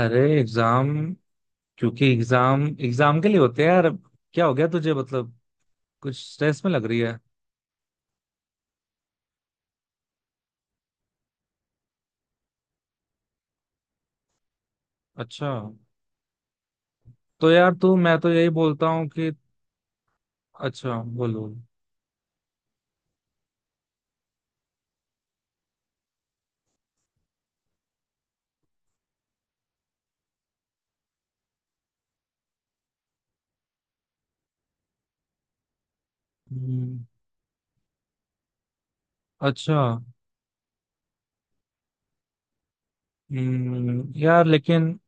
अरे एग्जाम। क्योंकि exam exam के लिए होते हैं यार। अब क्या हो गया तुझे? मतलब कुछ स्ट्रेस में लग रही है। अच्छा। तो यार तू मैं तो यही बोलता हूँ कि। अच्छा, बोलो। हम्म, अच्छा। यार लेकिन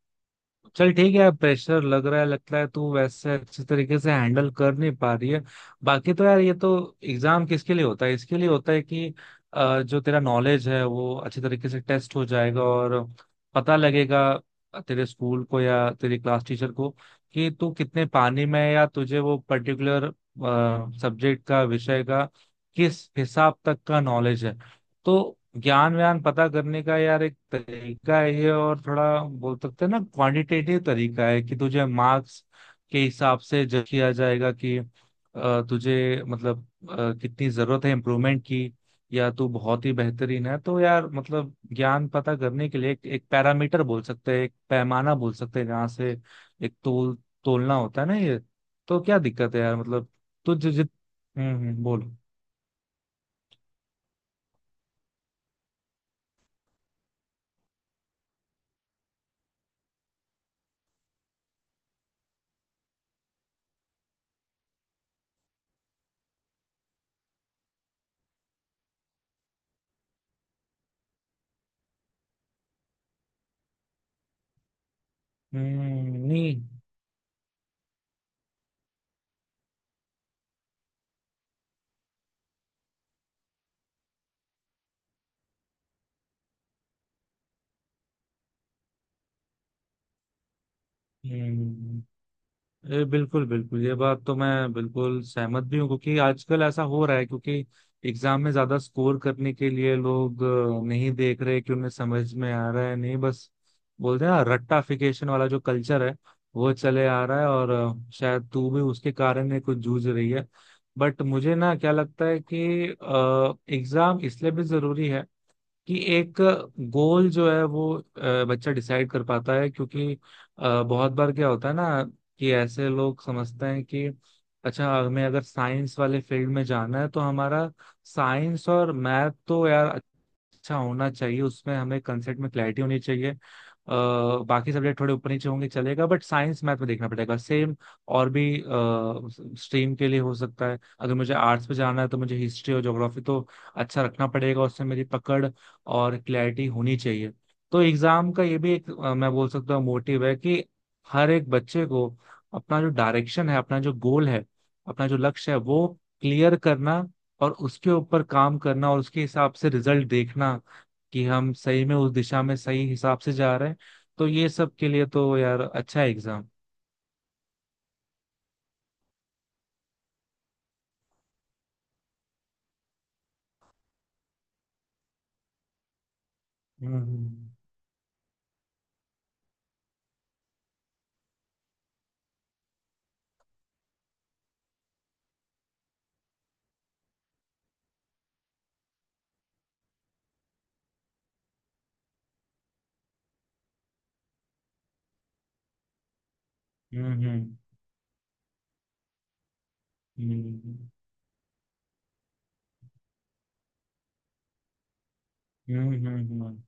चल ठीक है, प्रेशर लग रहा है, लगता है तू वैसे अच्छे तरीके से हैंडल कर नहीं पा रही है। बाकी तो यार ये तो एग्जाम किसके लिए होता है? इसके लिए होता है कि जो तेरा नॉलेज है वो अच्छे तरीके से टेस्ट हो जाएगा, और पता लगेगा तेरे स्कूल को या तेरी क्लास टीचर को कि तू कितने पानी में है, या तुझे वो पर्टिकुलर सब्जेक्ट का, विषय का किस हिसाब तक का नॉलेज है। तो ज्ञान व्यान पता करने का यार एक तरीका है ये। और थोड़ा बोल सकते हैं ना, क्वांटिटेटिव तरीका है कि तुझे मार्क्स के हिसाब से जज किया जाएगा कि तुझे मतलब कितनी जरूरत है इम्प्रूवमेंट की, या तू बहुत ही बेहतरीन है। तो यार मतलब ज्ञान पता करने के लिए एक पैरामीटर बोल सकते हैं, एक पैमाना बोल सकते हैं, जहाँ से एक तोल, तोलना होता है ना ये। तो क्या दिक्कत है यार? मतलब तुझे जित बोलो। हम्म, नहीं। हम्म, ये बिल्कुल बिल्कुल, ये बात तो मैं बिल्कुल सहमत भी हूँ क्योंकि आजकल ऐसा हो रहा है। क्योंकि एग्जाम में ज्यादा स्कोर करने के लिए लोग नहीं देख रहे कि उन्हें समझ में आ रहा है, नहीं, बस बोलते हैं ना, रट्टाफिकेशन वाला जो कल्चर है वो चले आ रहा है। और शायद तू भी उसके कारण ही कुछ जूझ रही है। बट मुझे ना क्या लगता है कि एग्जाम इसलिए भी जरूरी है कि एक गोल जो है वो बच्चा डिसाइड कर पाता है, क्योंकि बहुत बार क्या होता है ना कि ऐसे लोग समझते हैं कि अच्छा हमें अगर साइंस वाले फील्ड में जाना है तो हमारा साइंस और मैथ तो यार अच्छा होना चाहिए, उसमें हमें कंसेप्ट में क्लैरिटी होनी चाहिए। बाकी सब्जेक्ट थोड़े ऊपर नीचे होंगे चलेगा, बट साइंस मैथ में देखना पड़ेगा। सेम और भी स्ट्रीम के लिए हो सकता है। अगर मुझे आर्ट्स पे जाना है तो मुझे हिस्ट्री और ज्योग्राफी तो अच्छा रखना पड़ेगा, उसमें मेरी पकड़ और क्लैरिटी होनी चाहिए। तो एग्जाम का ये भी एक मैं बोल सकता हूँ मोटिव है कि हर एक बच्चे को अपना जो डायरेक्शन है, अपना जो गोल है, अपना जो लक्ष्य है वो क्लियर करना, और उसके ऊपर काम करना, और उसके हिसाब से रिजल्ट देखना कि हम सही में उस दिशा में सही हिसाब से जा रहे हैं। तो ये सब के लिए तो यार अच्छा एग्जाम। हम्म हम्म। हम्म हम्म हम्म हम्म, हम्म,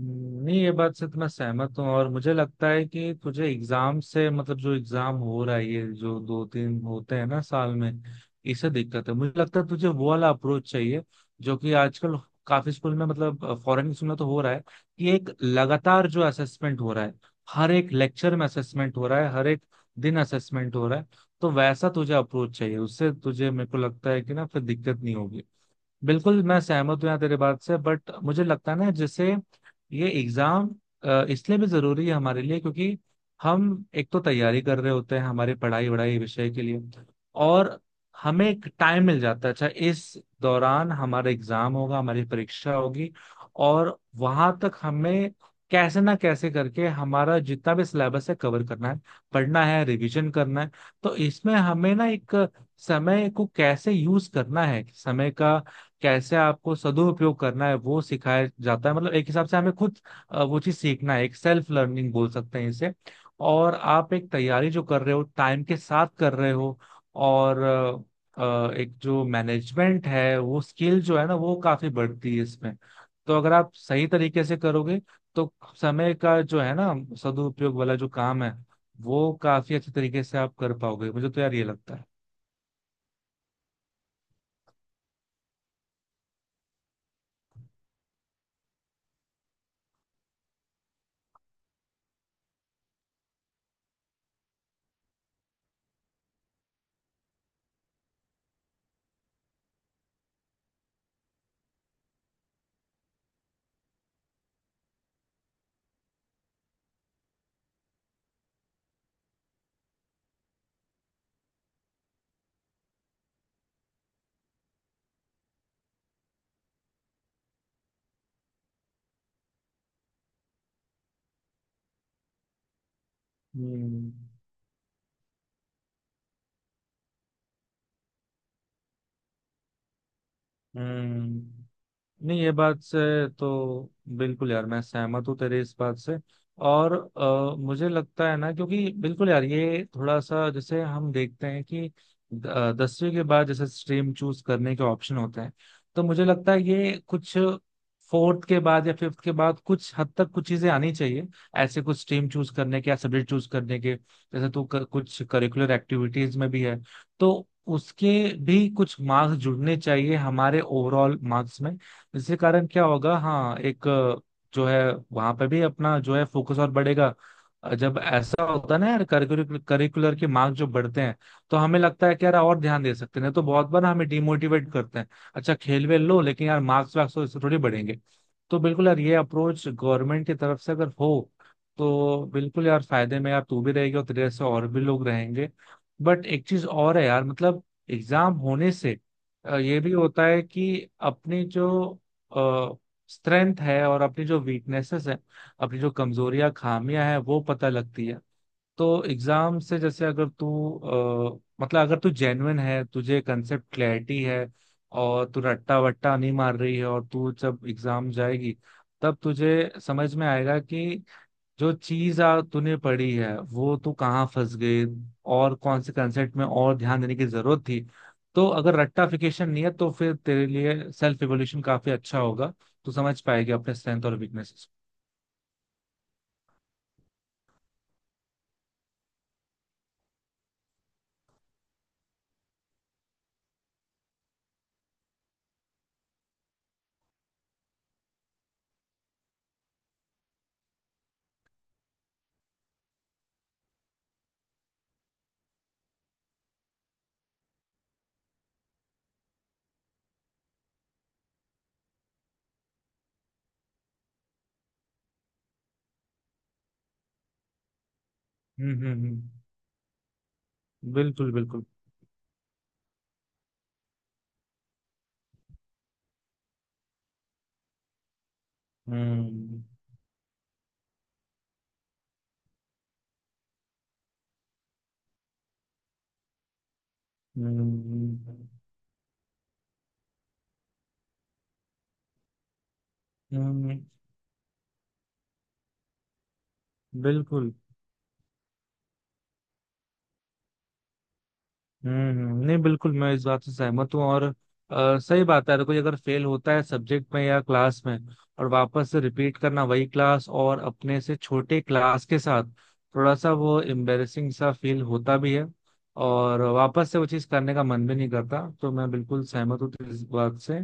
नहीं, ये बात से तो मैं सहमत हूँ। और मुझे लगता है कि तुझे एग्जाम से मतलब, जो एग्जाम हो रहा है ये जो दो तीन होते हैं ना साल में, इससे दिक्कत है। मुझे लगता है तुझे वो वाला अप्रोच चाहिए जो कि आजकल काफी स्कूल में, मतलब फॉरेन स्कूल में तो हो रहा है, कि एक लगातार जो असेसमेंट हो रहा है, हर एक लेक्चर में असेसमेंट हो रहा है, हर एक दिन असेसमेंट हो रहा है। तो वैसा तुझे अप्रोच चाहिए, उससे तुझे, मेरे को लगता है कि ना फिर दिक्कत नहीं होगी। बिल्कुल मैं सहमत हूँ यहाँ तेरे बात से। बट मुझे लगता है ना, जैसे ये एग्जाम इसलिए भी जरूरी है हमारे लिए क्योंकि हम एक तो तैयारी कर रहे होते हैं हमारी पढ़ाई वढ़ाई विषय के लिए, और हमें एक टाइम मिल जाता है अच्छा इस दौरान हमारा एग्जाम होगा, हमारी परीक्षा होगी, और वहां तक हमें कैसे ना कैसे करके हमारा जितना भी सिलेबस है कवर करना है, पढ़ना है, रिवीजन करना है। तो इसमें हमें ना एक समय को कैसे यूज करना है, समय का कैसे आपको सदुपयोग करना है वो सिखाया जाता है। मतलब एक हिसाब से हमें खुद वो चीज सीखना है, एक सेल्फ लर्निंग बोल सकते हैं इसे। और आप एक तैयारी जो कर रहे हो टाइम के साथ कर रहे हो, और एक जो मैनेजमेंट है वो स्किल जो है ना वो काफी बढ़ती है इसमें। तो अगर आप सही तरीके से करोगे तो समय का जो है ना सदुपयोग वाला जो काम है, वो काफी अच्छे तरीके से आप कर पाओगे। मुझे तो यार ये लगता है। हम्म हम्म। नहीं, ये बात से तो बिल्कुल यार मैं सहमत हूँ तेरे इस बात से। और मुझे लगता है ना, क्योंकि बिल्कुल यार ये थोड़ा सा जैसे हम देखते हैं कि दसवीं के बाद जैसे स्ट्रीम चूज करने के ऑप्शन होते हैं, तो मुझे लगता है ये कुछ फोर्थ के बाद या फिफ्थ के बाद कुछ हद तक कुछ चीजें आनी चाहिए, ऐसे कुछ स्ट्रीम चूज करने के या सब्जेक्ट चूज करने के। जैसे तू कुछ करिकुलर एक्टिविटीज में भी है, तो उसके भी कुछ मार्क्स जुड़ने चाहिए हमारे ओवरऑल मार्क्स में। इसके कारण क्या होगा? हाँ, एक जो है वहां पे भी अपना जो है फोकस और बढ़ेगा। जब ऐसा होता है ना यार, करिकुलर करिकुलर के मार्क जो बढ़ते हैं, तो हमें लगता है कि यार और ध्यान दे सकते हैं, नहीं तो बहुत बार हमें डिमोटिवेट करते हैं, अच्छा खेल वेल लो लेकिन यार मार्क्स वार्क्स तो इससे थोड़ी बढ़ेंगे। तो बिल्कुल यार ये अप्रोच गवर्नमेंट की तरफ से अगर हो तो बिल्कुल यार फायदे में यार तू भी रहेगी और तेरे से और भी लोग रहेंगे। बट एक चीज और है यार, मतलब एग्जाम होने से ये भी होता है कि अपनी जो स्ट्रेंथ है और अपनी जो वीकनेसेस है, अपनी जो कमजोरियां खामियां हैं वो पता लगती है। तो एग्जाम से, जैसे अगर तू मतलब अगर तू जेन्युइन है, तुझे कंसेप्ट क्लैरिटी है, और तू रट्टा वट्टा नहीं मार रही है, और तू जब एग्जाम जाएगी तब तुझे समझ में आएगा कि जो चीज आ तूने पढ़ी है वो तू कहाँ फंस गई, और कौन से कंसेप्ट में और ध्यान देने की जरूरत थी। तो अगर रट्टाफिकेशन नहीं है तो फिर तेरे लिए सेल्फ इवोल्यूशन काफी अच्छा होगा, तू समझ पाएगी अपने स्ट्रेंथ और वीकनेसेस। हम्म। बिल्कुल बिल्कुल। हम्म हम्म हम्म, हम्म, बिल्कुल। नहीं, बिल्कुल मैं इस बात से सहमत हूँ। और सही बात है, अगर कोई अगर फेल होता है सब्जेक्ट में या क्लास में और वापस से रिपीट करना वही क्लास और अपने से छोटे क्लास के साथ, थोड़ा सा वो एम्बेरसिंग सा फील होता भी है, और वापस से वो चीज़ करने का मन भी नहीं करता। तो मैं बिल्कुल सहमत हूँ इस बात से।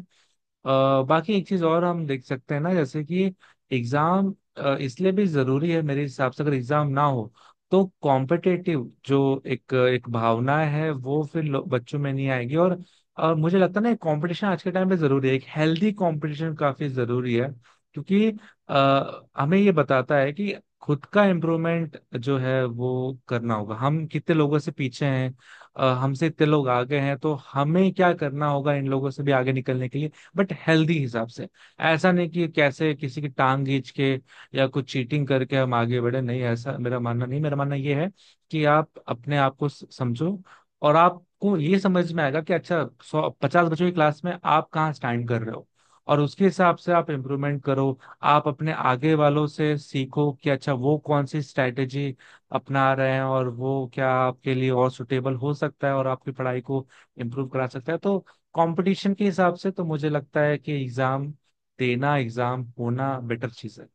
अ, बाकी एक चीज और हम देख सकते हैं ना, जैसे कि एग्जाम इसलिए भी जरूरी है मेरे हिसाब से। अगर एग्जाम ना हो तो कॉम्पिटेटिव जो एक एक भावना है, वो फिर बच्चों में नहीं आएगी। और मुझे लगता है ना, कंपटीशन आज के टाइम पे जरूरी है, एक हेल्दी कंपटीशन काफी जरूरी है। क्योंकि हमें ये बताता है कि खुद का इम्प्रूवमेंट जो है वो करना होगा, हम कितने लोगों से पीछे हैं, हमसे इतने लोग आगे हैं तो हमें क्या करना होगा इन लोगों से भी आगे निकलने के लिए, बट हेल्दी हिसाब से। ऐसा नहीं कि कैसे किसी की टांग खींच के या कुछ चीटिंग करके हम आगे बढ़े, नहीं ऐसा मेरा मानना नहीं। मेरा मानना ये है कि आप अपने आप को समझो, और आपको ये समझ में आएगा कि अच्छा सौ पचास बच्चों की क्लास में आप कहाँ स्टैंड कर रहे हो, और उसके हिसाब से आप इम्प्रूवमेंट करो। आप अपने आगे वालों से सीखो कि अच्छा वो कौन सी स्ट्रैटेजी अपना रहे हैं, और वो क्या आपके लिए और सुटेबल हो सकता है और आपकी पढ़ाई को इम्प्रूव करा सकता है। तो कंपटीशन के हिसाब से तो मुझे लगता है कि एग्जाम देना, एग्जाम होना बेटर चीज है।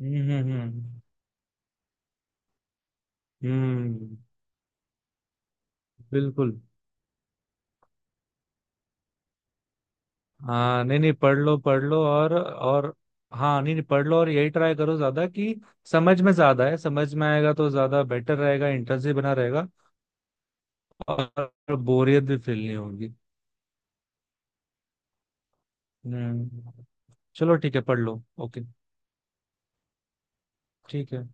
हम्म। हम्म, बिल्कुल। हाँ, नहीं नहीं, पढ़ लो पढ़ लो, और हाँ नहीं नहीं पढ़ लो, और यही ट्राई करो ज्यादा कि समझ में ज्यादा है, समझ में आएगा तो ज्यादा बेटर रहेगा, इंटरेस्ट भी बना रहेगा और बोरियत भी फील नहीं होगी। हम्म। चलो ठीक है, पढ़ लो। ओके, ठीक है।